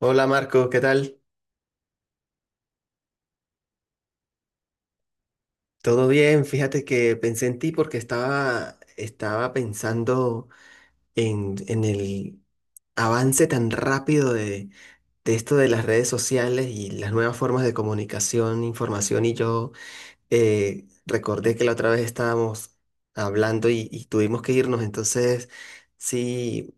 Hola Marco, ¿qué tal? ¿Todo bien? Fíjate que pensé en ti porque estaba pensando en el avance tan rápido de esto de las redes sociales y las nuevas formas de comunicación, información. Y yo Recordé que la otra vez estábamos hablando y tuvimos que irnos, entonces sí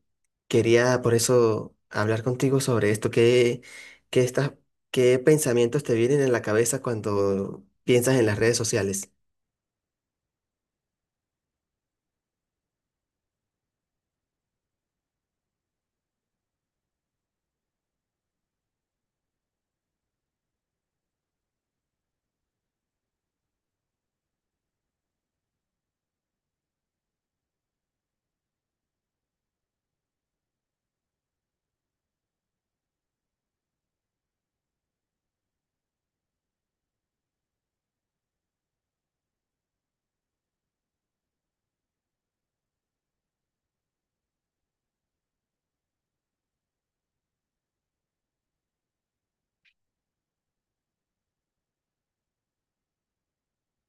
quería por eso hablar contigo sobre esto. Qué estás- qué pensamientos te vienen en la cabeza cuando piensas en las redes sociales?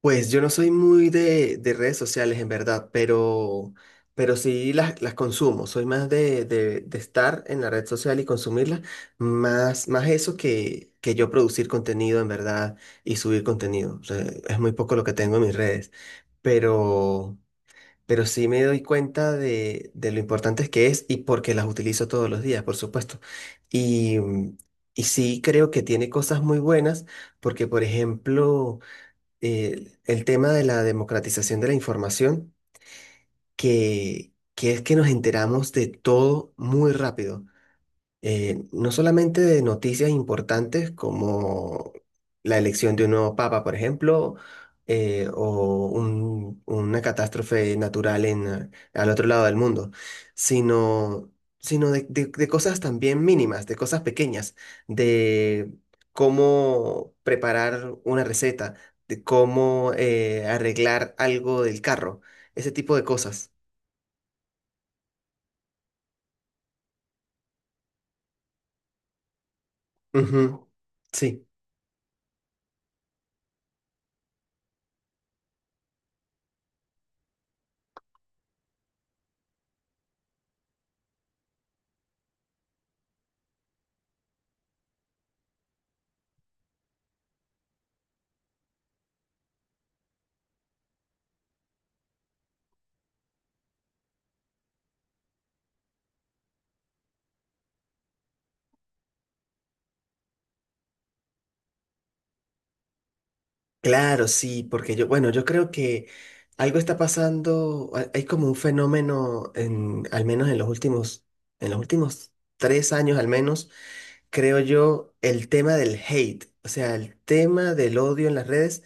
Pues yo no soy muy de, redes sociales en verdad, pero, sí las consumo. Soy más de estar en la red social y consumirla, más, eso que yo producir contenido en verdad y subir contenido. O sea, es muy poco lo que tengo en mis redes, pero, pero, sí me doy cuenta de lo importantes que es y porque las utilizo todos los días, por supuesto. Y, y sí creo que tiene cosas muy buenas, porque por ejemplo el tema de la democratización de la información, que es que nos enteramos de todo muy rápido. No solamente de noticias importantes como la elección de un nuevo papa, por ejemplo, o una catástrofe natural en, al otro lado del mundo, sino, sino, de cosas también mínimas, de cosas pequeñas, de cómo preparar una receta, de cómo arreglar algo del carro, ese tipo de cosas. Ujú. Sí. Claro, sí, porque yo, bueno, yo creo que algo está pasando, hay como un fenómeno al menos en los últimos 3 años al menos, creo yo. El tema del hate, o sea, el tema del odio en las redes,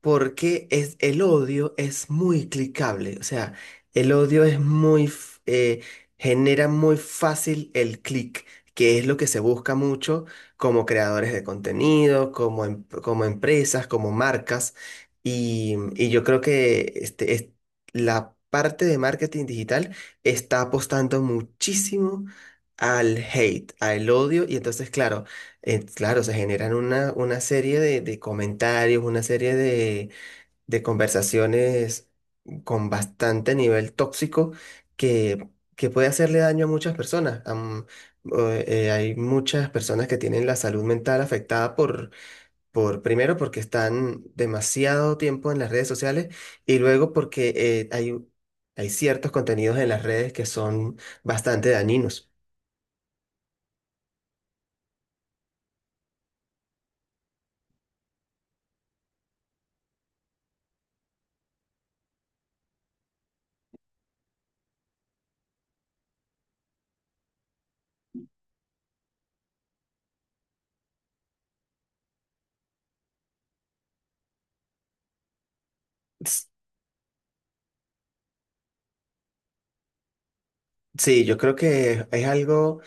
porque es, el odio es muy clicable, o sea, el odio es muy, genera muy fácil el clic, que es lo que se busca mucho como creadores de contenido, como, como empresas, como marcas. Y yo creo que la parte de marketing digital está apostando muchísimo al hate, al odio, y entonces, claro, claro, se generan una, serie de comentarios, una serie de, conversaciones con bastante nivel tóxico, que, que puede hacerle daño a muchas personas. Hay muchas personas que tienen la salud mental afectada por, primero, porque están demasiado tiempo en las redes sociales, y luego porque hay ciertos contenidos en las redes que son bastante dañinos. S- Sí, yo creo que es algo,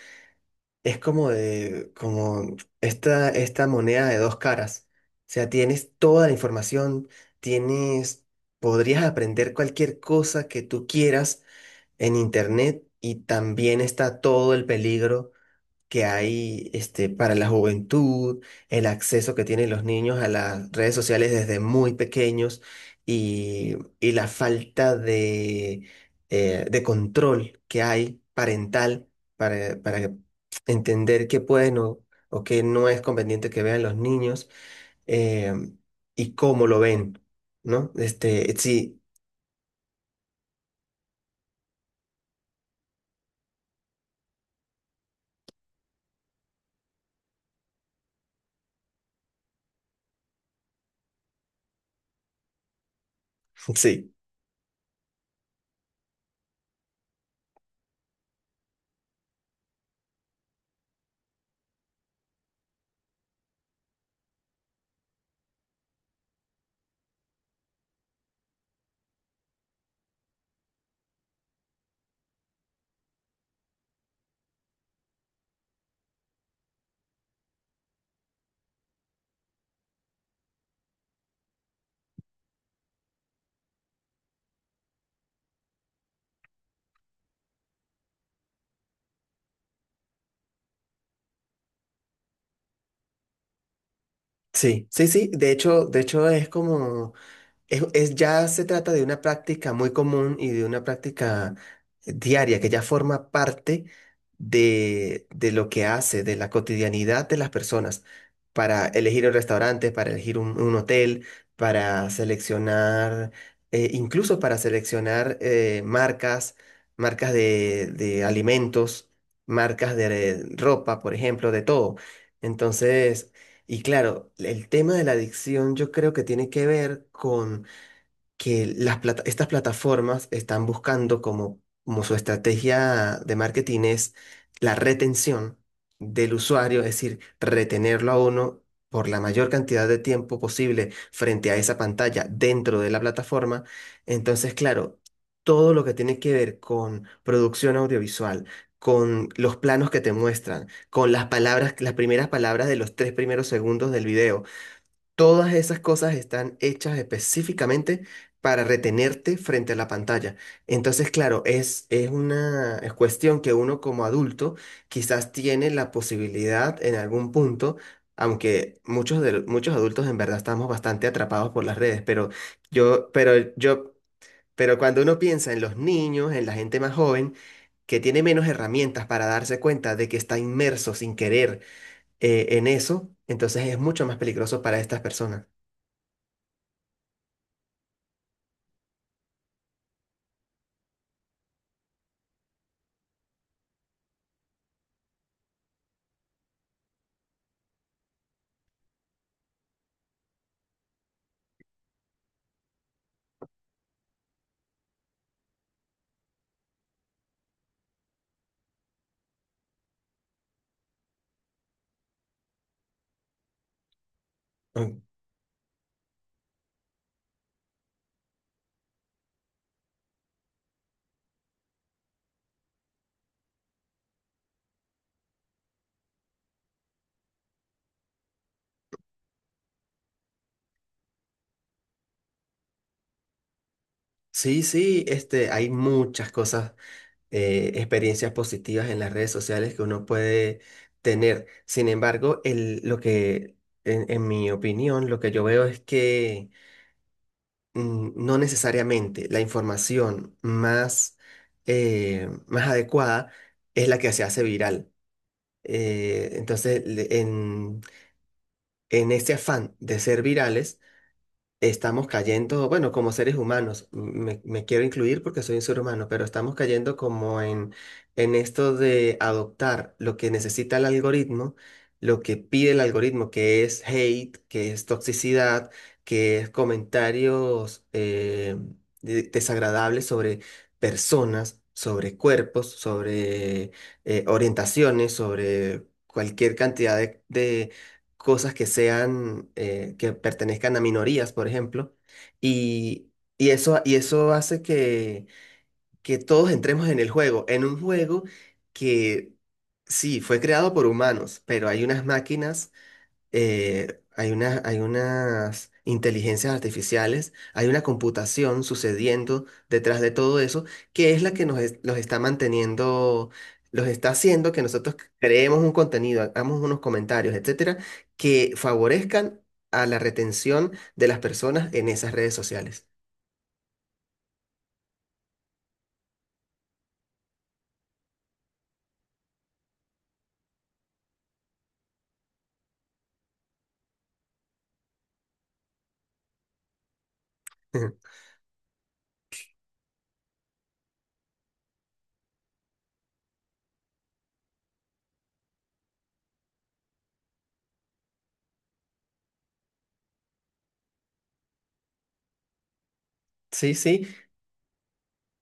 es como de, como esta moneda de dos caras. O sea, tienes toda la información, tienes, podrías aprender cualquier cosa que tú quieras en internet, y también está todo el peligro que hay para la juventud, el acceso que tienen los niños a las redes sociales desde muy pequeños, y la falta de control que hay parental para, entender qué pueden o qué no es conveniente que vean los niños, eh, y cómo lo ven, ¿no? Sí. Sí. Sí, sí, sí, de hecho es como es- ya se trata de una práctica muy común y de una práctica diaria que ya forma parte de lo que hace, de la cotidianidad de las personas, para elegir un restaurante, para elegir un hotel, para seleccionar, incluso para seleccionar marcas, de alimentos, marcas de ropa, por ejemplo, de todo. Entonces... Y claro, el tema de la adicción yo creo que tiene que ver con que las estas plataformas están buscando como, como su estrategia de marketing es la retención del usuario, es decir, retenerlo a uno por la mayor cantidad de tiempo posible frente a esa pantalla dentro de la plataforma. Entonces, claro, todo lo que tiene que ver con producción audiovisual, con los planos que te muestran, con las palabras, las primeras palabras de los 3 primeros segundos del video. Todas esas cosas están hechas específicamente para retenerte frente a la pantalla. Entonces, claro, es, una es cuestión que uno como adulto quizás tiene la posibilidad en algún punto, aunque muchos adultos en verdad estamos bastante atrapados por las redes, yo, pero yo, pero cuando uno piensa en los niños, en la gente más joven, que tiene menos herramientas para darse cuenta de que está inmerso sin querer en eso, entonces es mucho más peligroso para estas personas. Mm. Sí, sí, hay muchas cosas, experiencias positivas en las redes sociales que uno puede tener. Sin embargo, el, lo que, en mi opinión, lo que yo veo es que no necesariamente la información más adecuada es la que se hace viral. Entonces, en este afán de ser virales, estamos cayendo, bueno, como seres humanos, me quiero incluir porque soy un ser humano, pero estamos cayendo como en esto de adoptar lo que necesita el algoritmo, lo que pide el algoritmo, que es hate, que es toxicidad, que es comentarios desagradables sobre personas, sobre cuerpos, sobre orientaciones, sobre cualquier cantidad de cosas que sean, que pertenezcan a minorías, por ejemplo, y, y eso hace que todos entremos en el juego, en un juego que sí, fue creado por humanos, pero hay unas máquinas hay unas inteligencias artificiales, hay una computación sucediendo detrás de todo eso, que es la que nos los está manteniendo, los está haciendo que nosotros creemos un contenido, hagamos unos comentarios, etcétera, que favorezcan a la retención de las personas en esas redes sociales. Sí, sí.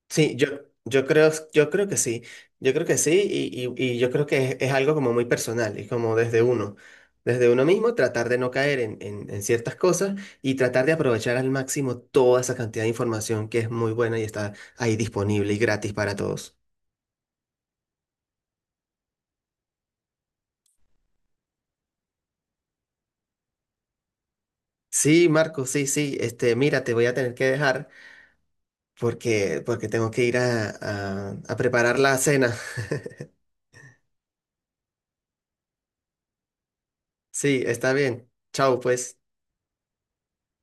Sí, yo creo, yo creo que sí, yo creo que sí, y yo creo que es algo como muy personal, es como desde uno, mismo tratar de no caer en ciertas cosas, y tratar de aprovechar al máximo toda esa cantidad de información que es muy buena y está ahí disponible y gratis para todos. Sí, Marco, sí, sí, mira, te voy a tener que dejar porque, tengo que ir a preparar la cena. Sí, está bien, chao pues.